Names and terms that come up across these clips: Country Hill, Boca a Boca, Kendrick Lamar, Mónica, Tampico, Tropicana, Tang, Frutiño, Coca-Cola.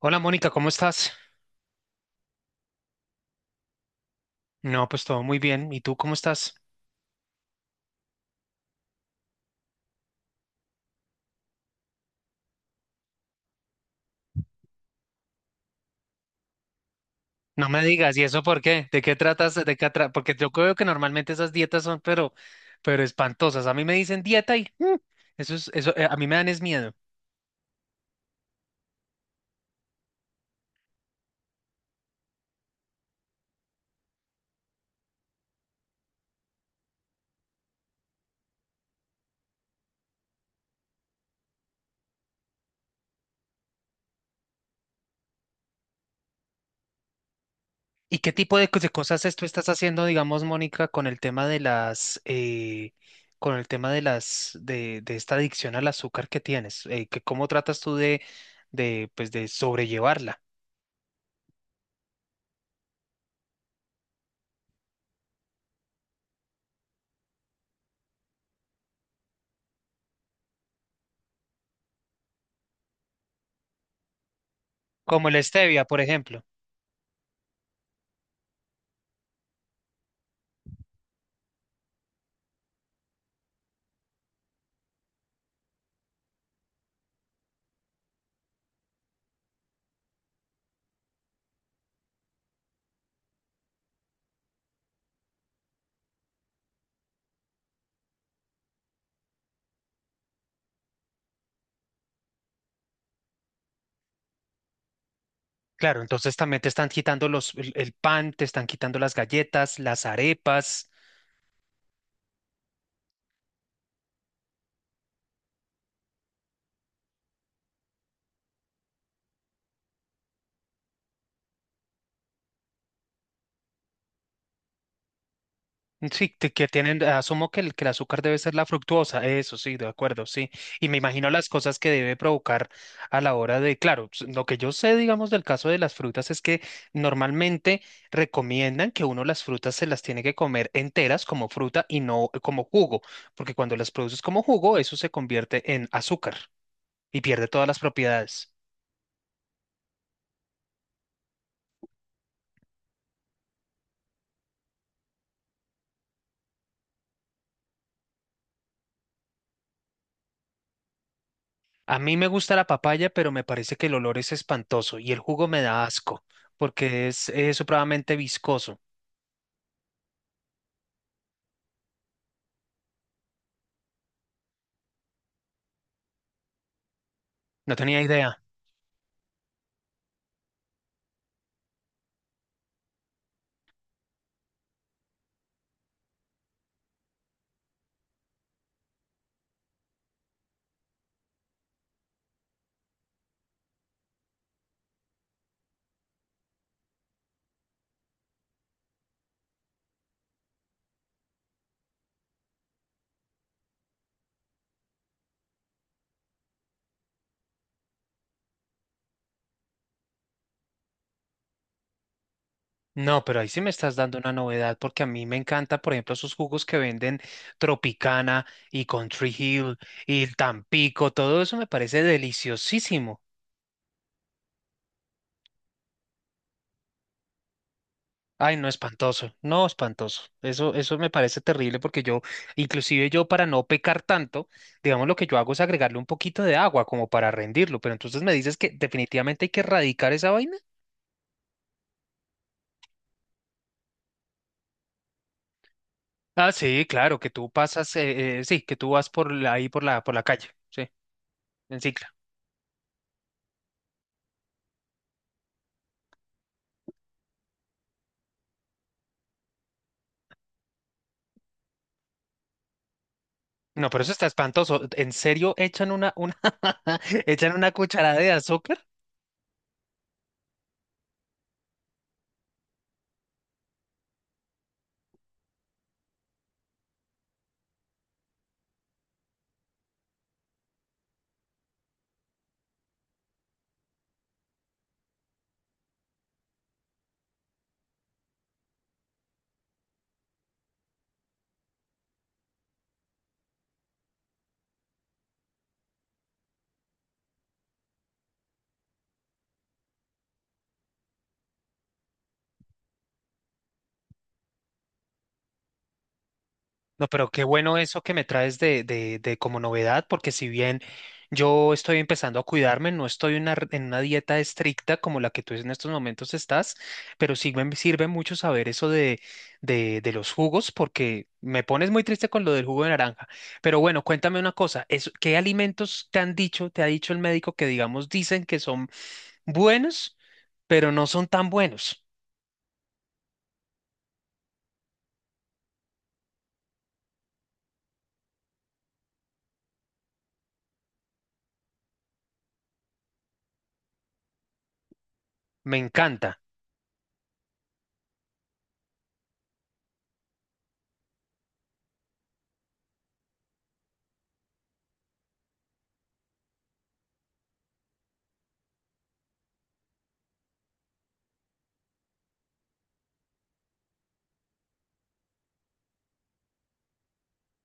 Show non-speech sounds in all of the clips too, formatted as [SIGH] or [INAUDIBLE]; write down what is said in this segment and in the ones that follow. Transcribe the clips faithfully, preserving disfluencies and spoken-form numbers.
Hola Mónica, ¿cómo estás? No, pues todo muy bien. ¿Y tú cómo estás? No me digas, ¿y eso por qué? ¿De qué tratas? ¿De qué atra- Porque yo creo que normalmente esas dietas son, pero, pero espantosas. A mí me dicen dieta y mm, eso es, eso, eh, a mí me dan es miedo. ¿Y qué tipo de, cos- de cosas es- tú estás haciendo, digamos, Mónica, con el tema de las, eh, con el tema de las, de, de esta adicción al azúcar que tienes? Eh, que, ¿cómo tratas tú de, de, pues, de sobrellevarla? Como la stevia, por ejemplo. Claro, entonces también te están quitando los, el, el pan, te están quitando las galletas, las arepas. Mm, sí, te- que tienen, asumo que el, que el azúcar debe ser la fructuosa, eso sí, de acuerdo, sí. Y me imagino las cosas que debe provocar a la hora de, claro, s- lo que yo sé, digamos, del caso de las frutas es que normalmente recomiendan que uno las frutas se las tiene que comer enteras como fruta y no eh, como jugo, porque cuando las produces como jugo, eso se convierte en azúcar y pierde todas las propiedades. A mí me gusta la papaya, pero me parece que el olor es espantoso y el jugo me da asco, porque es, es supremamente viscoso. No tenía idea. No, pero ahí sí me estás dando una novedad, porque a mí me encanta, por ejemplo, esos jugos que venden Tropicana y Country Hill y el Tampico, todo eso me parece deliciosísimo. Ay, no, espantoso, no, espantoso. Eso, eso me parece terrible porque yo, inclusive yo para no pecar tanto, digamos lo que yo hago es agregarle un poquito de agua como para rendirlo, pero entonces me dices que definitivamente hay que erradicar esa vaina. Ah, sí, claro, que tú pasas, eh, eh, sí, que tú vas por la- ahí por la, por la calle, sí, en cicla. No, pero eso está espantoso. ¿En serio echan una, una, [LAUGHS] echan una cucharada de azúcar? No, pero qué bueno eso que me traes de, de, de como novedad, porque si bien yo estoy empezando a cuidarme, no estoy en una, r- en una dieta estricta como la que tú en estos momentos estás, pero sí me sirve mucho saber eso de, de, de los jugos, porque me pones muy triste con lo del jugo de naranja. Pero bueno, cuéntame una cosa, eso- ¿qué alimentos te han dicho, te ha dicho el médico que digamos dicen que son buenos, pero no son tan buenos? Me encanta.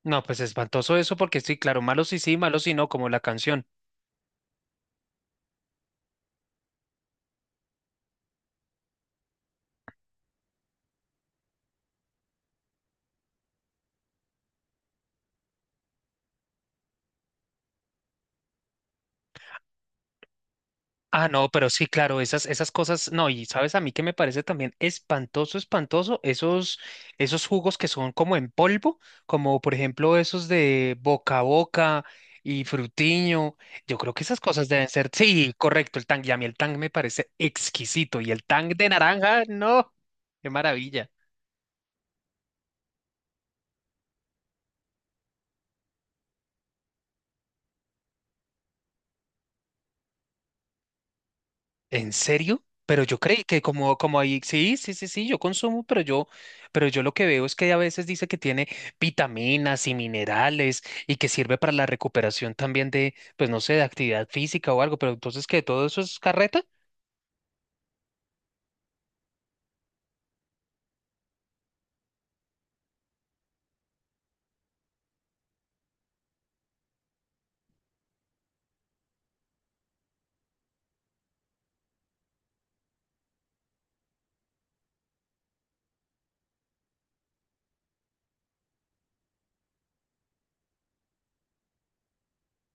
No, pues espantoso eso, porque sí, claro, malos sí sí, malos sí no, como la canción. Ah, no, pero sí, claro, esas, esas cosas, no, y sabes a mí que me parece también espantoso, espantoso, esos, esos jugos que son como en polvo, como por ejemplo esos de Boca a Boca y Frutiño, yo creo que esas cosas deben ser, sí, correcto, el tang, y a mí el tang me parece exquisito, y el tang de naranja, no, qué maravilla. ¿En serio? Pero yo creí que como, como ahí, sí, sí, sí, sí, yo consumo, pero yo, pero yo lo que veo es que a veces dice que tiene vitaminas y minerales y que sirve para la recuperación también de, pues no sé, de actividad física o algo, pero entonces que todo eso es carreta.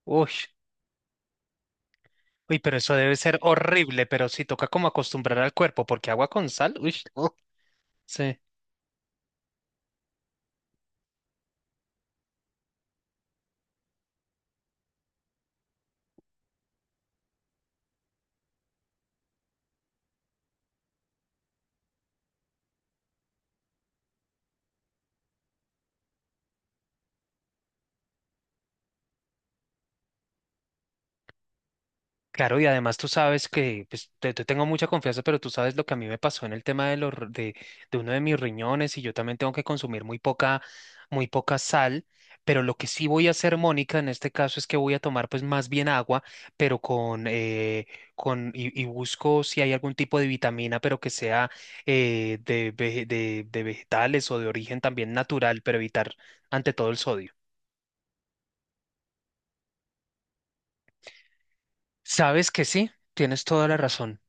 Uy, uy, pero eso debe ser horrible, pero sí toca como acostumbrar al cuerpo, porque agua con sal, uy, no, sí. Claro, y además tú sabes que, pues, te, te tengo mucha confianza, pero tú sabes lo que a mí me pasó en el tema de, los, r- de, de uno de mis riñones y yo también tengo que consumir muy poca, muy poca sal, pero lo que sí voy a hacer, Mónica, en este caso es que voy a tomar pues más bien agua, pero con, eh, con y, y busco si hay algún tipo de vitamina, pero que sea eh, de, vege- de, de vegetales o de origen también natural, pero evitar ante todo el sodio. Sabes que sí, tienes toda la razón.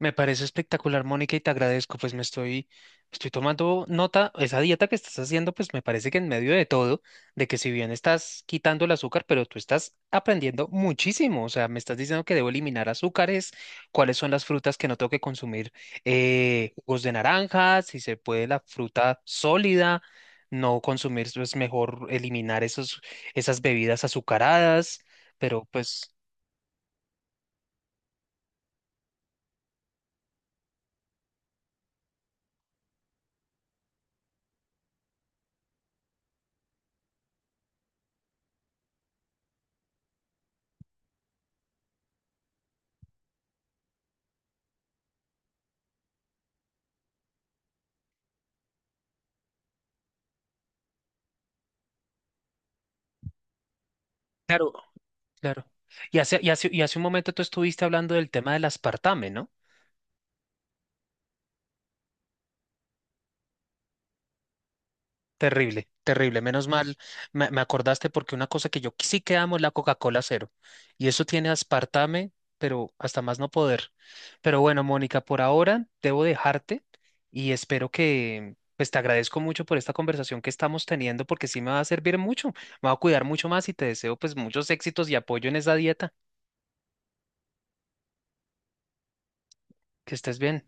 Me parece espectacular, Mónica, y te agradezco, pues me estoy, estoy tomando nota, esa dieta que estás haciendo, pues me parece que en medio de todo, de que si bien estás quitando el azúcar, pero tú estás aprendiendo muchísimo, o sea, me estás diciendo que debo eliminar azúcares, cuáles son las frutas que no tengo que consumir, eh, jugos de naranja, si se puede la fruta sólida, no consumir, es mejor eliminar esos, esas bebidas azucaradas, pero pues... Claro, claro. Y hace, y hace, y hace un momento tú estuviste hablando del tema del aspartame, ¿no? Terrible, terrible. Menos mal, me, me acordaste porque una cosa que yo sí que amo es la Coca-Cola cero. Y eso tiene aspartame, pero hasta más no poder. Pero bueno, Mónica, por ahora debo dejarte y espero que, pues te agradezco mucho por esta conversación que estamos teniendo porque sí me va a servir mucho. Me va a cuidar mucho más y te deseo pues muchos éxitos y apoyo en esa dieta. Que estés bien.